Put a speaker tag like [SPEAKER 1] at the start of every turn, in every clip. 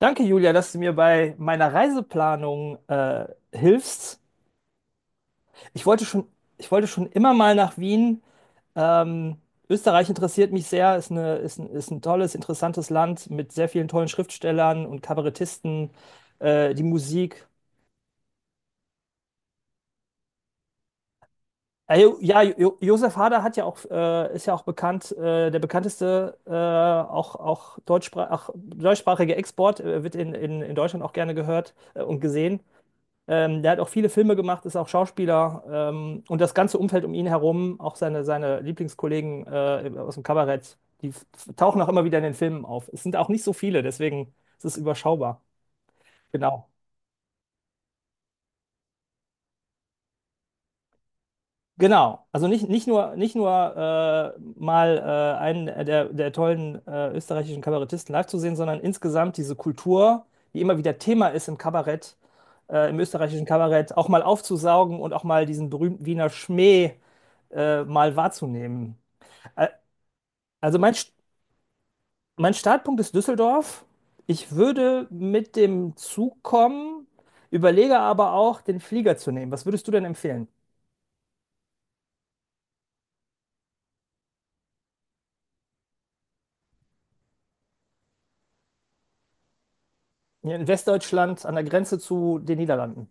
[SPEAKER 1] Danke, Julia, dass du mir bei meiner Reiseplanung hilfst. Ich wollte schon, ich wollte schon immer mal nach Wien. Ähm, Österreich interessiert mich sehr, ist ein tolles, interessantes Land mit sehr vielen tollen Schriftstellern und Kabarettisten, die Musik. Jo- ja, jo Josef Hader hat ja auch, ist ja auch bekannt, der bekannteste, auch deutschsprachige Export, wird in Deutschland auch gerne gehört und gesehen. Der hat auch viele Filme gemacht, ist auch Schauspieler, und das ganze Umfeld um ihn herum, auch seine Lieblingskollegen aus dem Kabarett, tauchen auch immer wieder in den Filmen auf. Es sind auch nicht so viele, deswegen ist es überschaubar. Genau. Genau. Also nicht nur mal einen der tollen österreichischen Kabarettisten live zu sehen, sondern insgesamt diese Kultur, die immer wieder Thema ist im Kabarett, im österreichischen Kabarett, auch mal aufzusaugen und auch mal diesen berühmten Wiener Schmäh mal wahrzunehmen. Ä- Also mein, St- Mein Startpunkt ist Düsseldorf. Ich würde mit dem Zug kommen, überlege aber auch, den Flieger zu nehmen. Was würdest du denn empfehlen? Hier in Westdeutschland, an der Grenze zu den Niederlanden.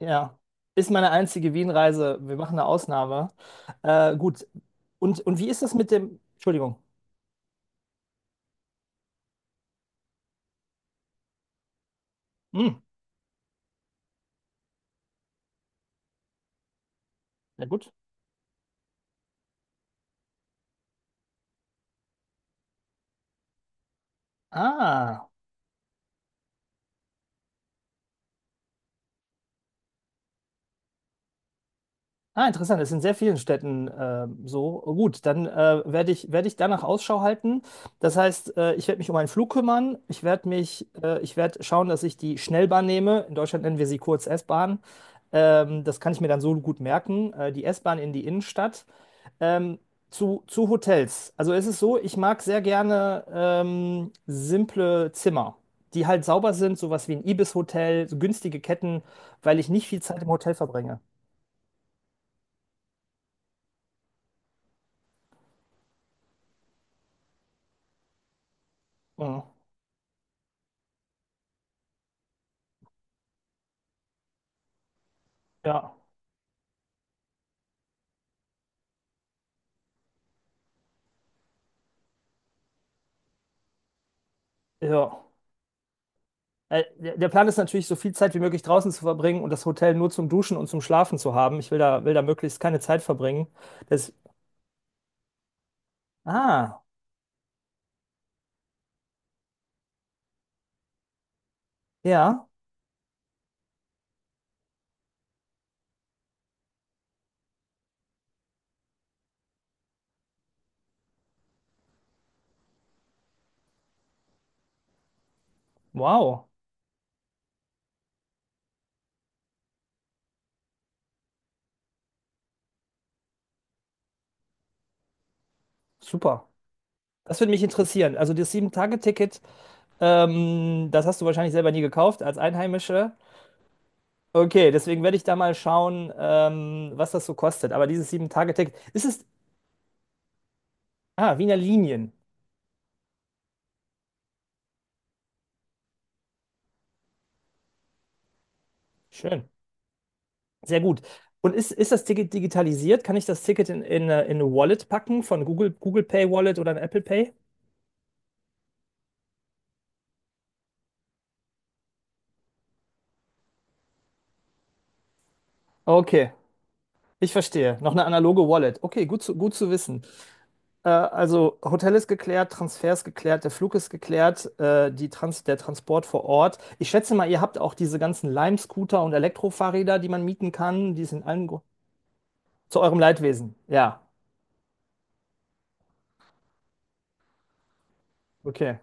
[SPEAKER 1] Ja, ist meine einzige Wien-Reise. Wir machen eine Ausnahme. Gut. Und wie ist das mit dem, Entschuldigung. Hm, ja gut. Ah. Ah, interessant, das ist in sehr vielen Städten so. Oh, gut, dann werde ich danach Ausschau halten. Das heißt, ich werde mich um einen Flug kümmern. Ich werde schauen, dass ich die Schnellbahn nehme. In Deutschland nennen wir sie kurz S-Bahn. Das kann ich mir dann so gut merken. Die S-Bahn in die Innenstadt. Ähm, zu Hotels. Also es ist so, ich mag sehr gerne simple Zimmer, die halt sauber sind, sowas wie ein Ibis-Hotel, so günstige Ketten, weil ich nicht viel Zeit im Hotel verbringe. Mhm. Ja. Ja. Der Plan ist natürlich, so viel Zeit wie möglich draußen zu verbringen und das Hotel nur zum Duschen und zum Schlafen zu haben. Ich will da möglichst keine Zeit verbringen. Das, ah, ja, wow, super. Das würde mich interessieren. Also das Sieben-Tage-Ticket, das hast du wahrscheinlich selber nie gekauft als Einheimische. Okay, deswegen werde ich da mal schauen, was das so kostet. Aber dieses Sieben-Tage-Ticket, ist es, ah, Wiener Linien. Schön. Sehr gut. Und ist das Ticket digitalisiert? Kann ich das Ticket in eine Wallet packen von Google, Google Pay Wallet oder ein Apple Pay? Okay, ich verstehe. Noch eine analoge Wallet. Okay, gut zu wissen. Also Hotel ist geklärt, Transfer ist geklärt, der Flug ist geklärt, die Trans der Transport vor Ort. Ich schätze mal, ihr habt auch diese ganzen Lime-Scooter und Elektrofahrräder, die man mieten kann, die sind allen zu eurem Leidwesen. Ja, okay.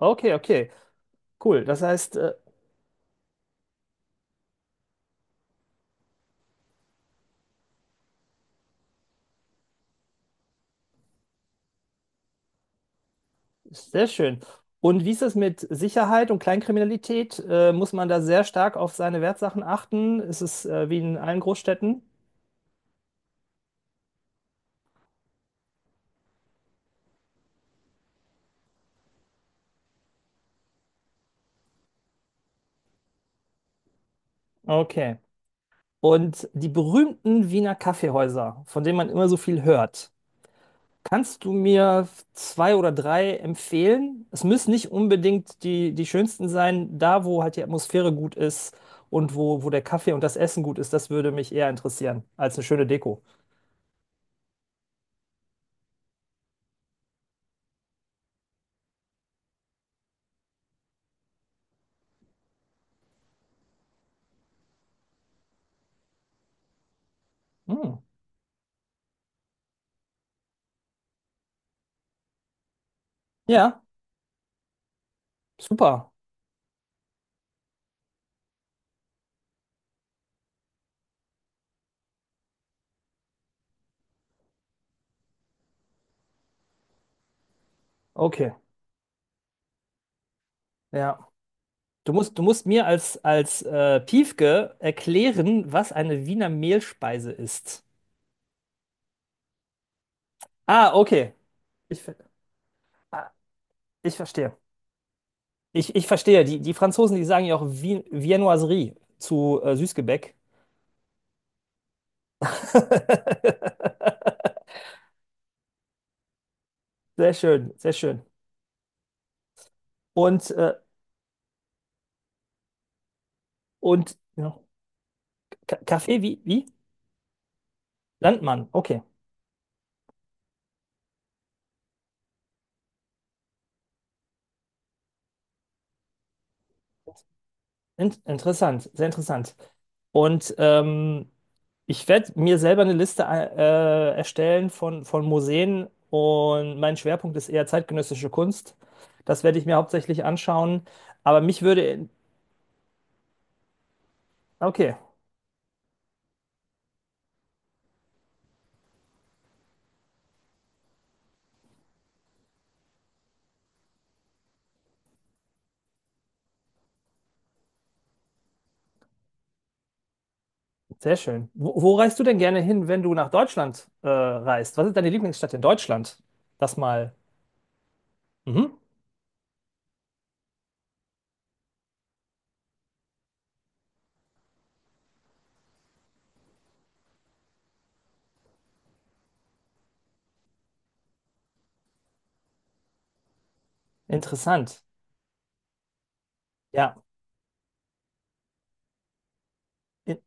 [SPEAKER 1] Okay, okay. Cool. Das heißt, sehr schön. Und wie ist es mit Sicherheit und Kleinkriminalität? Muss man da sehr stark auf seine Wertsachen achten? Ist es wie in allen Großstädten? Okay. Und die berühmten Wiener Kaffeehäuser, von denen man immer so viel hört, kannst du mir zwei oder drei empfehlen? Es müssen nicht unbedingt die schönsten sein, da wo halt die Atmosphäre gut ist und wo der Kaffee und das Essen gut ist, das würde mich eher interessieren als eine schöne Deko. Hm. Ja, super. Okay. Ja. Du musst mir als Piefke erklären, was eine Wiener Mehlspeise ist. Ah, okay. Ich, ver- ah, ich verstehe. Ich verstehe. Die Franzosen, die sagen ja auch Viennoiserie zu Süßgebäck. Sehr schön, sehr schön. Und, äh, und ja, Kaffee, wie? Landmann, okay. In interessant, sehr interessant. Und ich werde mir selber eine Liste erstellen von Museen, und mein Schwerpunkt ist eher zeitgenössische Kunst. Das werde ich mir hauptsächlich anschauen. Aber mich würde. Okay, sehr schön. Wo, wo reist du denn gerne hin, wenn du nach Deutschland reist? Was ist deine Lieblingsstadt in Deutschland? Das mal. Mhm. Interessant. Ja, in,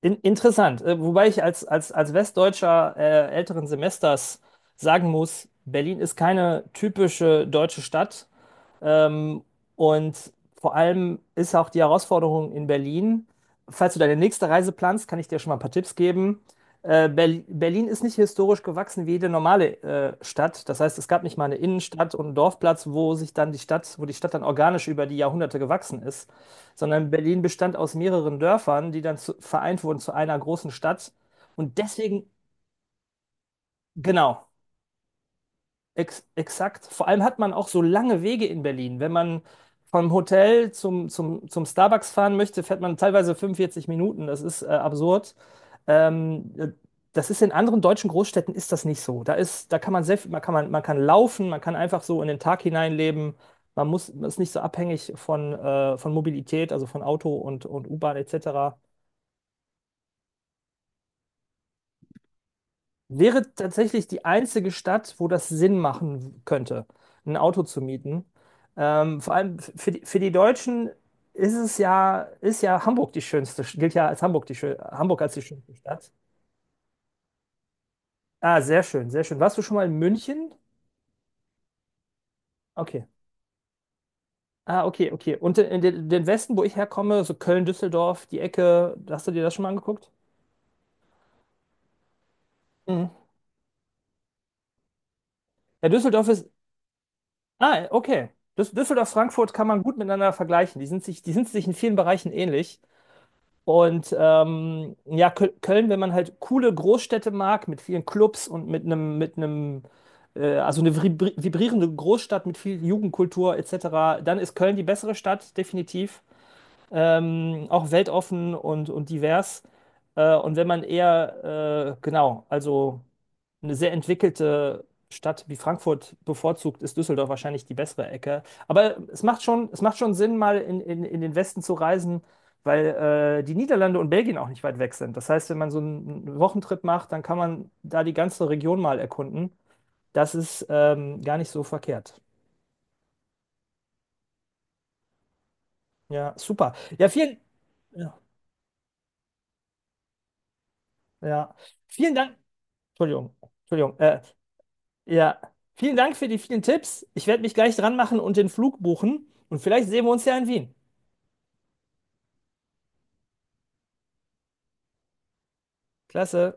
[SPEAKER 1] interessant. Wobei ich als Westdeutscher älteren Semesters sagen muss, Berlin ist keine typische deutsche Stadt. Ähm, und vor allem ist auch die Herausforderung in Berlin, falls du deine nächste Reise planst, kann ich dir schon mal ein paar Tipps geben. Berlin ist nicht historisch gewachsen wie jede normale Stadt. Das heißt, es gab nicht mal eine Innenstadt und einen Dorfplatz, wo die Stadt dann organisch über die Jahrhunderte gewachsen ist, sondern Berlin bestand aus mehreren Dörfern, die dann vereint wurden zu einer großen Stadt. Und deswegen, genau. Ex exakt. Vor allem hat man auch so lange Wege in Berlin. Wenn man vom Hotel zum Starbucks fahren möchte, fährt man teilweise 45 Minuten. Das ist absurd. Ähm, äh, das ist in anderen deutschen Großstädten ist das nicht so. Da kann man man kann laufen, man kann einfach so in den Tag hineinleben. Man ist nicht so abhängig von, von Mobilität, also von Auto und U-Bahn etc. Wäre tatsächlich die einzige Stadt, wo das Sinn machen könnte, ein Auto zu mieten. Vor allem für die Deutschen ist ja Hamburg die schönste, gilt ja als Hamburg die schön, Hamburg als die schönste Stadt. Ah, sehr schön, sehr schön. Warst du schon mal in München? Okay. Ah, okay, okay. Und in den, den Westen, wo ich herkomme, so Köln, Düsseldorf, die Ecke, hast du dir das schon mal angeguckt? Mhm. Ja, Düsseldorf ist. Ah, okay. Düsseldorf, Frankfurt kann man gut miteinander vergleichen. Die sind sich in vielen Bereichen ähnlich. Und ja, Köln, wenn man halt coole Großstädte mag, mit vielen Clubs und mit einem eine vibrierende Großstadt mit viel Jugendkultur etc., dann ist Köln die bessere Stadt, definitiv. Auch weltoffen und divers. Und wenn man eher eine sehr entwickelte Stadt wie Frankfurt bevorzugt, ist Düsseldorf wahrscheinlich die bessere Ecke. Aber es macht schon Sinn, mal in den Westen zu reisen, weil die Niederlande und Belgien auch nicht weit weg sind. Das heißt, wenn man so einen Wochentrip macht, dann kann man da die ganze Region mal erkunden. Das ist gar nicht so verkehrt. Ja, super. Ja, ja, ja. Vielen Dank. Entschuldigung, Entschuldigung. Ja, vielen Dank für die vielen Tipps. Ich werde mich gleich dran machen und den Flug buchen. Und vielleicht sehen wir uns ja in Wien. Klasse.